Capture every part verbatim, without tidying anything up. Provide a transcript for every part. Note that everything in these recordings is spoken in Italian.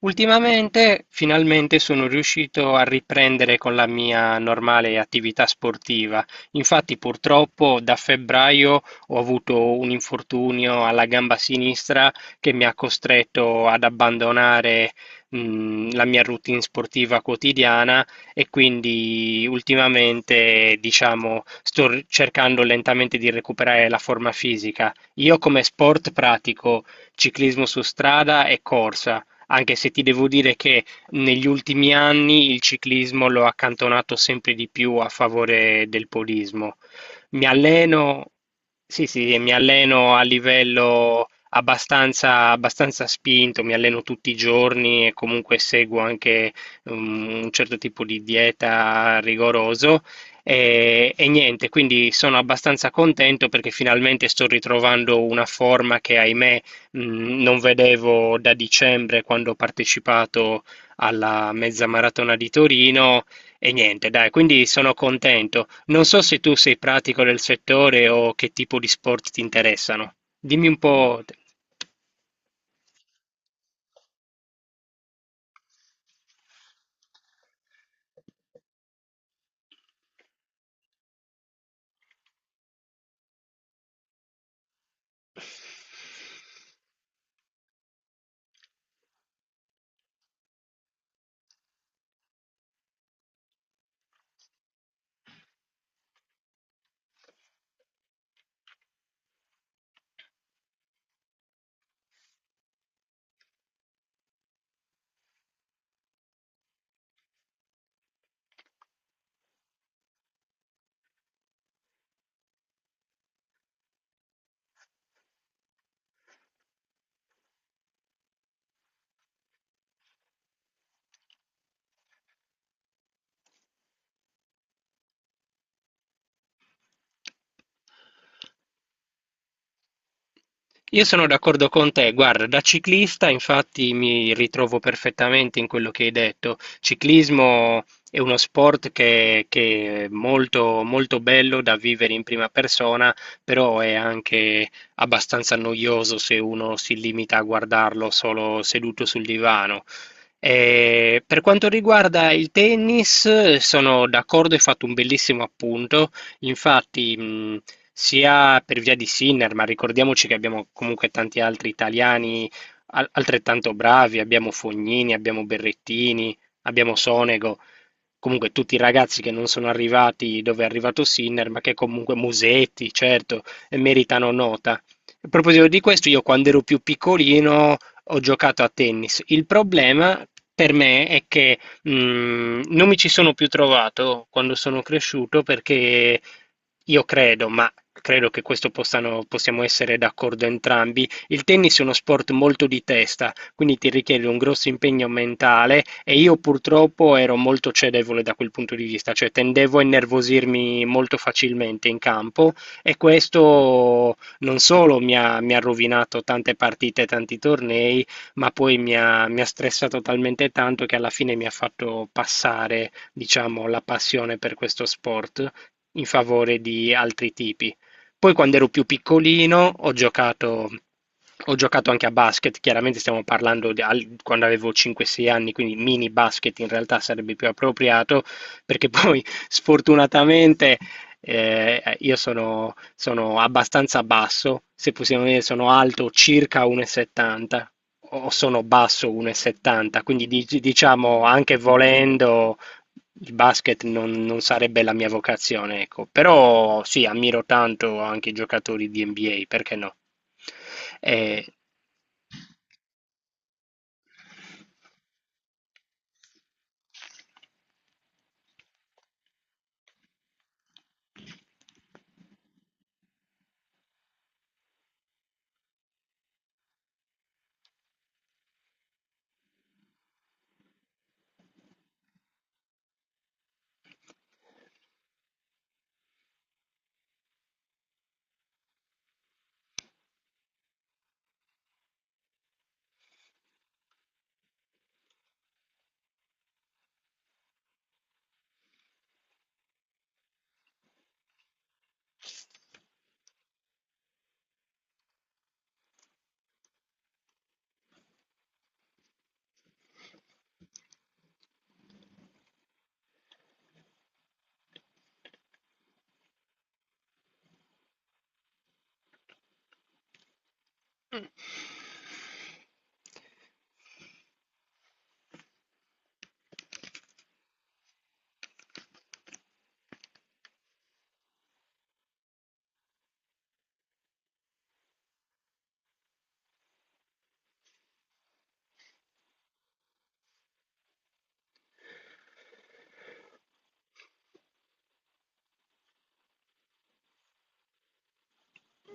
Ultimamente finalmente sono riuscito a riprendere con la mia normale attività sportiva. Infatti purtroppo da febbraio ho avuto un infortunio alla gamba sinistra che mi ha costretto ad abbandonare, mh, la mia routine sportiva quotidiana. E quindi ultimamente, diciamo, sto r- cercando lentamente di recuperare la forma fisica. Io come sport pratico ciclismo su strada e corsa, anche se ti devo dire che negli ultimi anni il ciclismo l'ho accantonato sempre di più a favore del podismo. Mi alleno, sì, sì, mi alleno a livello abbastanza, abbastanza spinto, mi alleno tutti i giorni e comunque seguo anche um, un certo tipo di dieta rigoroso. E, e niente, quindi sono abbastanza contento perché finalmente sto ritrovando una forma che, ahimè, mh, non vedevo da dicembre, quando ho partecipato alla mezza maratona di Torino e niente, dai, quindi sono contento. Non so se tu sei pratico del settore o che tipo di sport ti interessano. Dimmi un po'. Io sono d'accordo con te, guarda, da ciclista infatti mi ritrovo perfettamente in quello che hai detto. Ciclismo è uno sport che, che è molto, molto bello da vivere in prima persona, però è anche abbastanza noioso se uno si limita a guardarlo solo seduto sul divano. Eh, per quanto riguarda il tennis, sono d'accordo, hai fatto un bellissimo appunto. Infatti, mh, sia per via di Sinner, ma ricordiamoci che abbiamo comunque tanti altri italiani al- altrettanto bravi, abbiamo Fognini, abbiamo Berrettini, abbiamo Sonego, comunque tutti i ragazzi che non sono arrivati dove è arrivato Sinner, ma che comunque Musetti, certo, e meritano nota. A proposito di questo, io quando ero più piccolino ho giocato a tennis. Il problema per me è che, Mm, non mi ci sono più trovato quando sono cresciuto, perché io credo, ma credo che questo possano, possiamo essere d'accordo entrambi, il tennis è uno sport molto di testa, quindi ti richiede un grosso impegno mentale e io purtroppo ero molto cedevole da quel punto di vista, cioè tendevo a innervosirmi molto facilmente in campo, e questo non solo mi ha, mi ha rovinato tante partite, tanti tornei, ma poi mi ha, mi ha stressato talmente tanto che alla fine mi ha fatto passare, diciamo, la passione per questo sport in favore di altri tipi. Poi quando ero più piccolino ho giocato, ho giocato anche a basket, chiaramente stiamo parlando di al- quando avevo cinque sei anni, quindi mini basket in realtà sarebbe più appropriato, perché poi sfortunatamente eh, io sono, sono abbastanza basso, se possiamo dire sono alto circa uno e settanta, o sono basso uno e settanta, quindi dic- diciamo, anche volendo, il basket non, non sarebbe la mia vocazione, ecco. Però sì, ammiro tanto anche i giocatori di N B A, perché no? Eh,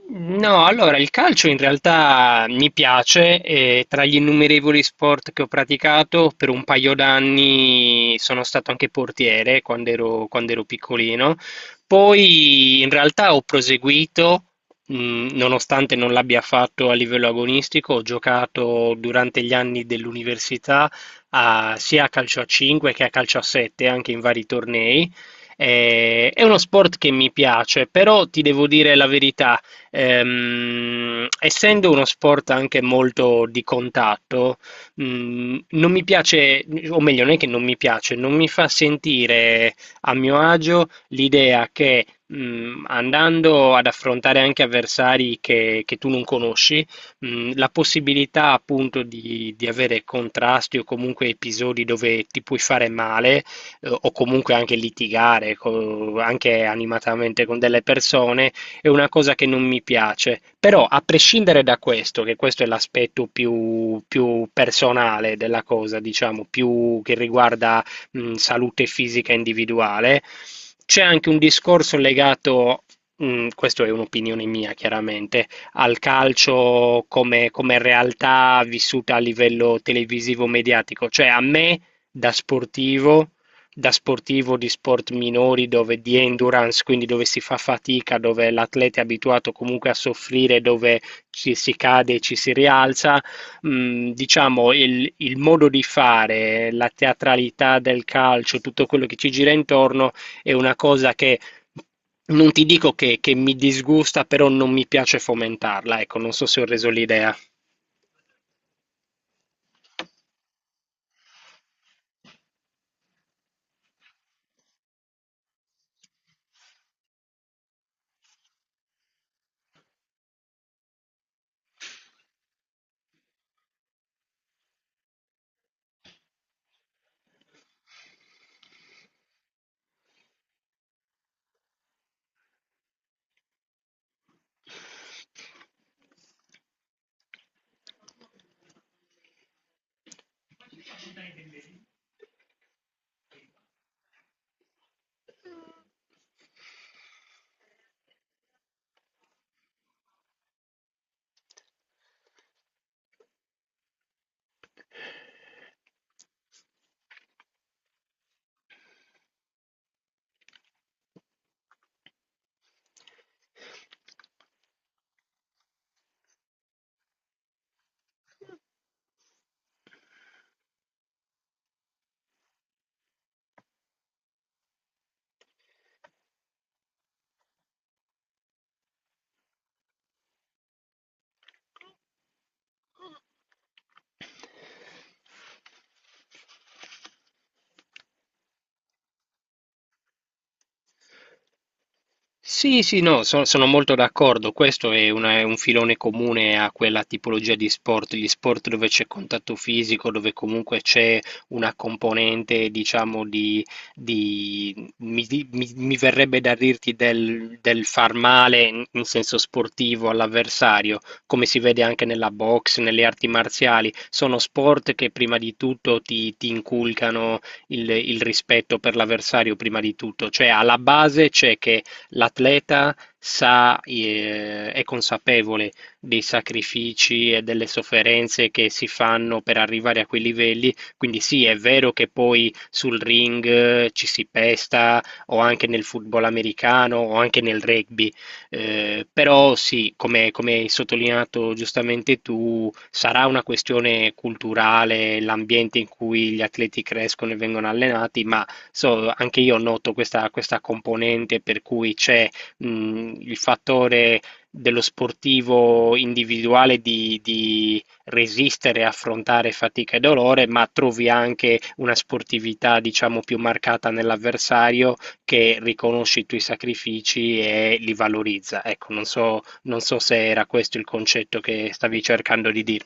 no, allora il calcio in realtà mi piace, e tra gli innumerevoli sport che ho praticato per un paio d'anni sono stato anche portiere quando ero, quando ero piccolino, poi in realtà ho proseguito, mh, nonostante non l'abbia fatto a livello agonistico, ho giocato durante gli anni dell'università a- sia a calcio a cinque che a calcio a sette, anche in vari tornei. Eh, È uno sport che mi piace, però ti devo dire la verità. Ehm, essendo uno sport anche molto di contatto, mh, non mi piace, o meglio, non è che non mi piace, non mi fa sentire a mio agio l'idea che, mh, andando ad affrontare anche avversari che, che tu non conosci, mh, la possibilità appunto di, di avere contrasti o comunque episodi dove ti puoi fare male, eh, o comunque anche litigare co- anche animatamente con delle persone, è una cosa che non mi piace. Però, a prescindere da questo, che questo è l'aspetto più, più personale della cosa, diciamo, più che riguarda, mh, salute fisica individuale, c'è anche un discorso legato, mh, questo è un'opinione mia chiaramente, al calcio come, come realtà vissuta a livello televisivo mediatico. Cioè, a me da sportivo, da sportivo di sport minori, dove di endurance, quindi dove si fa fatica, dove l'atleta è abituato comunque a soffrire, dove ci si cade e ci si rialza, mh, diciamo il, il modo di fare, la teatralità del calcio, tutto quello che ci gira intorno è una cosa che non ti dico che, che mi disgusta, però non mi piace fomentarla, ecco, non so se ho reso l'idea. Sì, sì, no, so- sono molto d'accordo. Questo è, una- è un filone comune a quella tipologia di sport, gli sport dove c'è contatto fisico, dove comunque c'è una componente, diciamo, di, di- mi, di- mi- mi verrebbe da dirti del, del far male in, in senso sportivo all'avversario, come si vede anche nella box, nelle arti marziali. Sono sport che prima di tutto ti, ti inculcano il il rispetto per l'avversario, prima di tutto. Cioè, alla base c'è che l'atleta sa, eh, è consapevole dei sacrifici e delle sofferenze che si fanno per arrivare a quei livelli, quindi sì, è vero che poi sul ring, eh, ci si pesta, o anche nel football americano o anche nel rugby, eh, però sì, come, come hai sottolineato giustamente tu, sarà una questione culturale, l'ambiente in cui gli atleti crescono e vengono allenati, ma so, anche io noto questa, questa componente per cui c'è, mh, il fattore dello sportivo individuale di, di resistere, e affrontare fatica e dolore, ma trovi anche una sportività, diciamo, più marcata nell'avversario che riconosce i tuoi sacrifici e li valorizza. Ecco, non so, non so se era questo il concetto che stavi cercando di dire.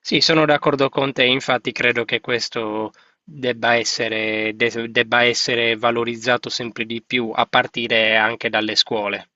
Sì, sono d'accordo con te, infatti credo che questo debba essere, de- debba essere valorizzato sempre di più a partire anche dalle scuole.